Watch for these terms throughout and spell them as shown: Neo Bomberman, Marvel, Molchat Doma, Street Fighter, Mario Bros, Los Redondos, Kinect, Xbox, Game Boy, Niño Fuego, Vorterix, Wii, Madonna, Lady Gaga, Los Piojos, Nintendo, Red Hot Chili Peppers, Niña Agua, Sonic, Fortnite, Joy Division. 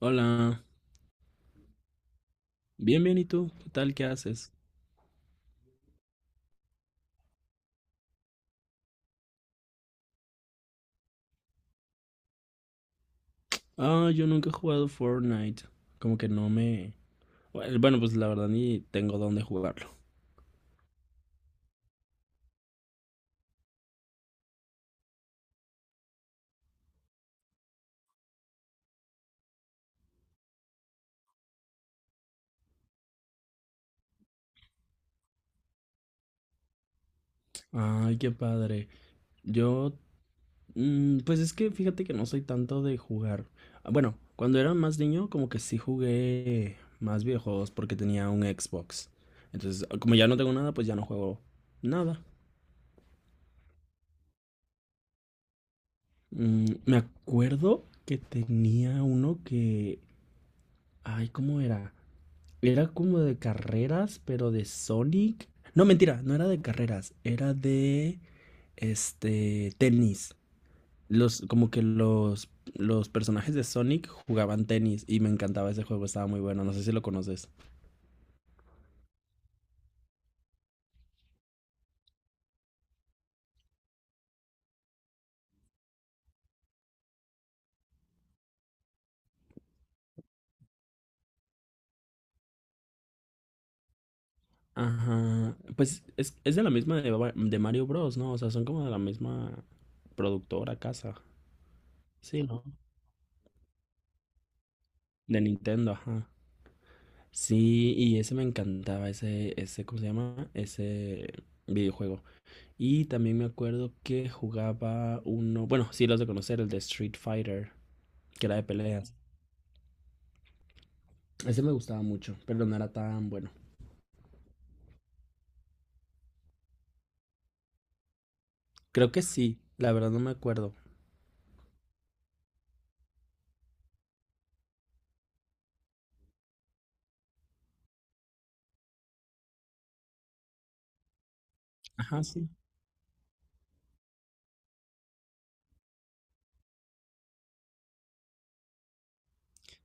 Hola, bien, bien, ¿y tú? ¿Qué tal? ¿Qué haces? Ah, yo nunca he jugado Fortnite. Como que no me... Bueno, bueno, pues la verdad ni tengo dónde jugarlo. Ay, qué padre. Yo... pues es que fíjate que no soy tanto de jugar. Ah, bueno, cuando era más niño como que sí jugué más videojuegos porque tenía un Xbox. Entonces, como ya no tengo nada, pues ya no juego nada. Me acuerdo que tenía uno que... Ay, ¿cómo era? Era como de carreras, pero de Sonic. No, mentira, no era de carreras, era de tenis. Los, como que los personajes de Sonic jugaban tenis y me encantaba ese juego, estaba muy bueno, no sé si lo conoces. Ajá, pues es de la misma Ba- de Mario Bros, ¿no? O sea, son como de la misma productora casa. Sí, ¿no? De Nintendo, ajá. Sí, y ese me encantaba, ese, ¿cómo se llama? Ese videojuego. Y también me acuerdo que jugaba uno, bueno, sí los de conocer, el de Street Fighter, que era de peleas. Ese me gustaba mucho, pero no era tan bueno. Creo que sí, la verdad no me acuerdo. Ajá, sí.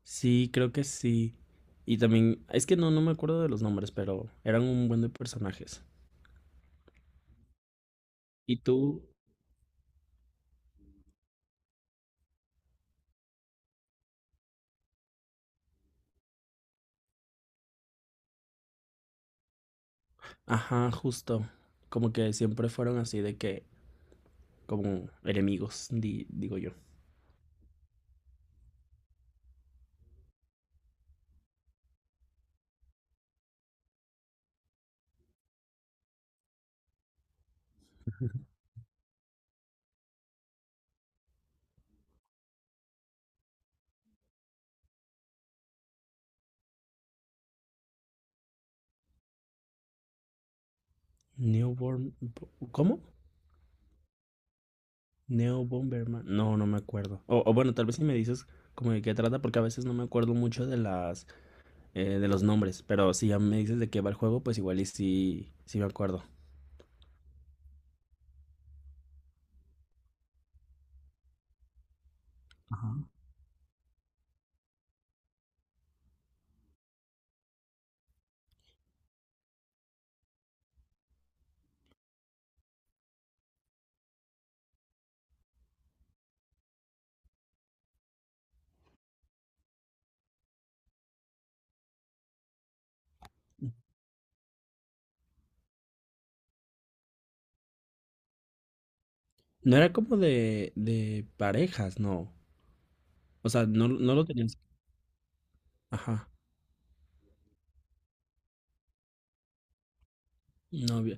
Sí, creo que sí. Y también, es que no me acuerdo de los nombres, pero eran un buen de personajes. Y tú, ajá, justo, como que siempre fueron así de que, como enemigos, di- digo yo. Newborn, ¿cómo? Neo Bomberman. No, no me acuerdo. O bueno, tal vez si me dices como de qué trata, porque a veces no me acuerdo mucho de las de los nombres. Pero si ya me dices de qué va el juego, pues igual y sí, sí me acuerdo. No era como de parejas, no. O sea, no, no lo tenías. Ajá. Novia.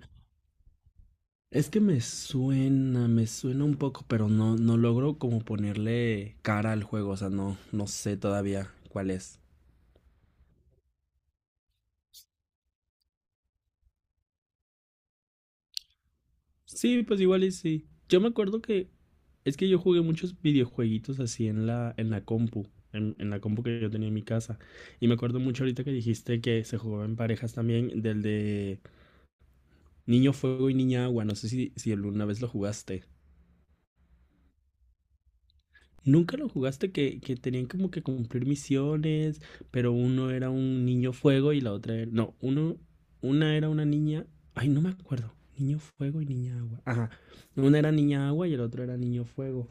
Es que me suena un poco, pero no, no logro como ponerle cara al juego. O sea, no, no sé todavía cuál es. Sí, pues igual y sí. Yo me acuerdo que es que yo jugué muchos videojueguitos así en en la compu, en la compu que yo tenía en mi casa. Y me acuerdo mucho ahorita que dijiste que se jugaba en parejas también, del de Niño Fuego y Niña Agua. No sé si alguna vez lo jugaste. Nunca lo jugaste que tenían como que cumplir misiones, pero uno era un niño fuego y la otra era... No, uno, una era una niña... Ay, no me acuerdo. Niño fuego y niña agua. Ajá. Una era niña agua y el otro era niño fuego.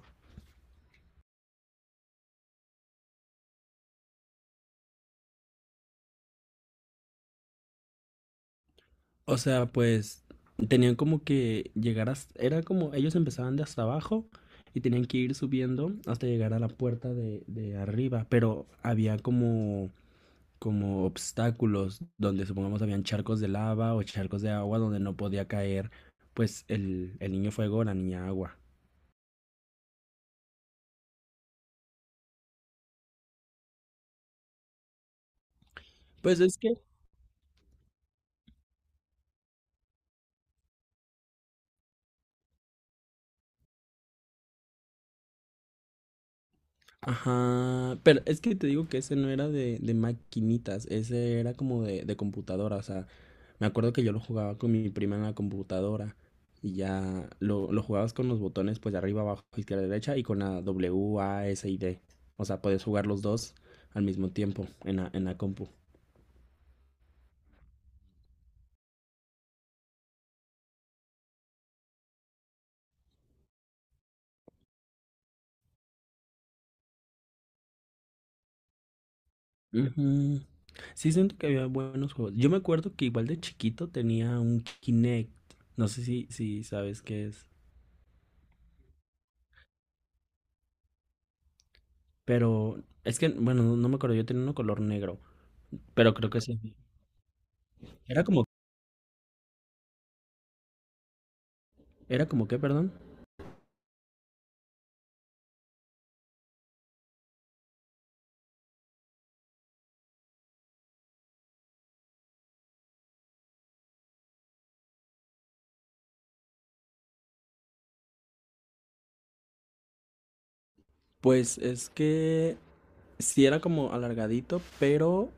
O sea, pues tenían como que llegar a... Era como ellos empezaban de hasta abajo y tenían que ir subiendo hasta llegar a la puerta de arriba, pero había como, como obstáculos donde supongamos habían charcos de lava o charcos de agua donde no podía caer pues el niño fuego o la niña agua. Pues es que ajá, pero es que te digo que ese no era de maquinitas, ese era como de computadora, o sea, me acuerdo que yo lo jugaba con mi prima en la computadora y ya lo jugabas con los botones pues de arriba, abajo, izquierda, derecha y con la W, A, S y D, o sea, podías jugar los dos al mismo tiempo en en la compu. Ujú. Sí, siento que había buenos juegos. Yo me acuerdo que igual de chiquito tenía un Kinect, no sé si sabes qué es, pero es que, bueno, no me acuerdo, yo tenía uno color negro. Pero creo que sí. Era como, era como que, perdón. Pues es que sí era como alargadito, pero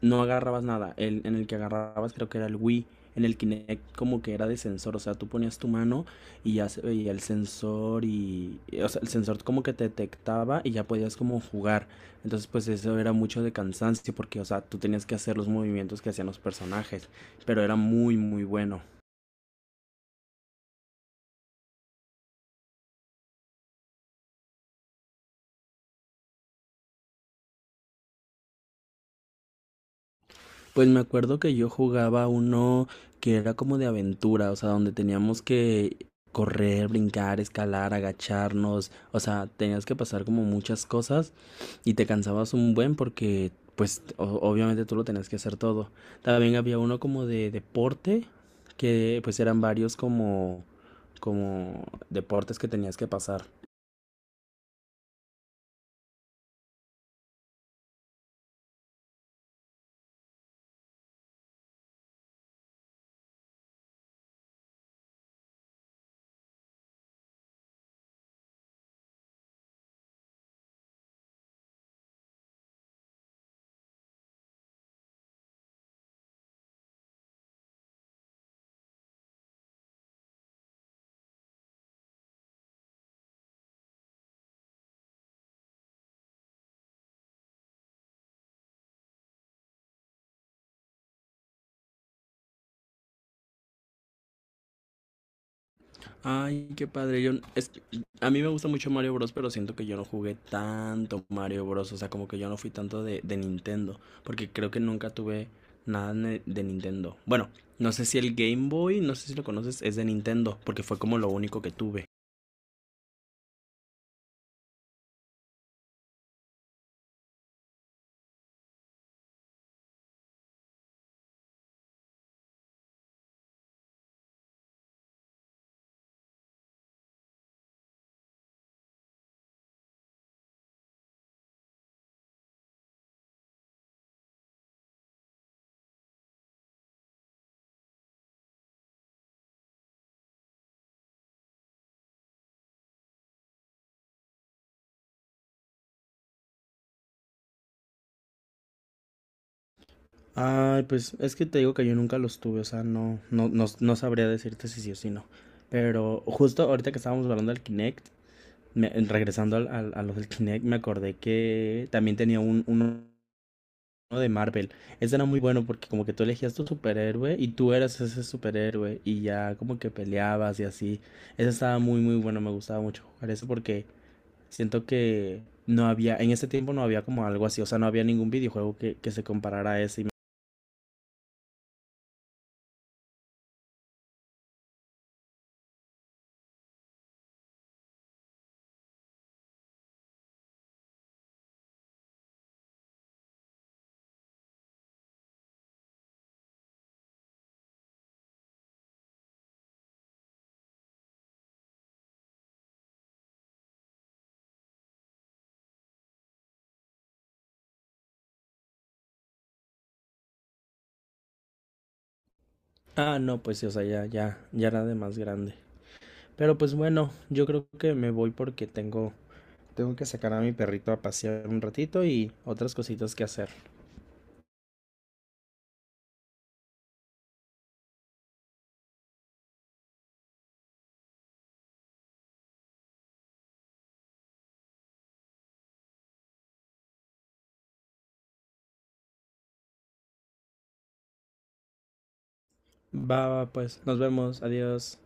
no agarrabas nada. El, en el que agarrabas creo que era el Wii. En el Kinect como que era de sensor, o sea, tú ponías tu mano y ya se veía el sensor y, o sea, el sensor como que te detectaba y ya podías como jugar. Entonces, pues eso era mucho de cansancio porque, o sea, tú tenías que hacer los movimientos que hacían los personajes, pero era muy, muy bueno. Pues me acuerdo que yo jugaba uno que era como de aventura, o sea, donde teníamos que correr, brincar, escalar, agacharnos, o sea, tenías que pasar como muchas cosas y te cansabas un buen porque, pues, o- obviamente tú lo tenías que hacer todo. También había uno como de deporte, que pues eran varios como, como deportes que tenías que pasar. Ay, qué padre. Yo, es que a mí me gusta mucho Mario Bros, pero siento que yo no jugué tanto Mario Bros. O sea, como que yo no fui tanto de Nintendo. Porque creo que nunca tuve nada ne- de Nintendo. Bueno, no sé si el Game Boy, no sé si lo conoces, es de Nintendo. Porque fue como lo único que tuve. Ay, pues es que te digo que yo nunca los tuve, o sea, no, no sabría decirte si sí o si no. Pero justo ahorita que estábamos hablando del Kinect, me- regresando al- al- a los del Kinect, me acordé que también tenía un, uno ¿no? De Marvel. Ese era muy bueno porque como que tú elegías tu superhéroe y tú eras ese superhéroe y ya como que peleabas y así. Ese estaba muy muy bueno, me gustaba mucho jugar eso porque siento que no había, en ese tiempo no había como algo así, o sea, no había ningún videojuego que se comparara a ese. Y me- ah, no, pues sí, o sea, ya, ya, ya era de más grande. Pero pues bueno, yo creo que me voy porque tengo, tengo que sacar a mi perrito a pasear un ratito y otras cositas que hacer. Va, va, pues, nos vemos, adiós.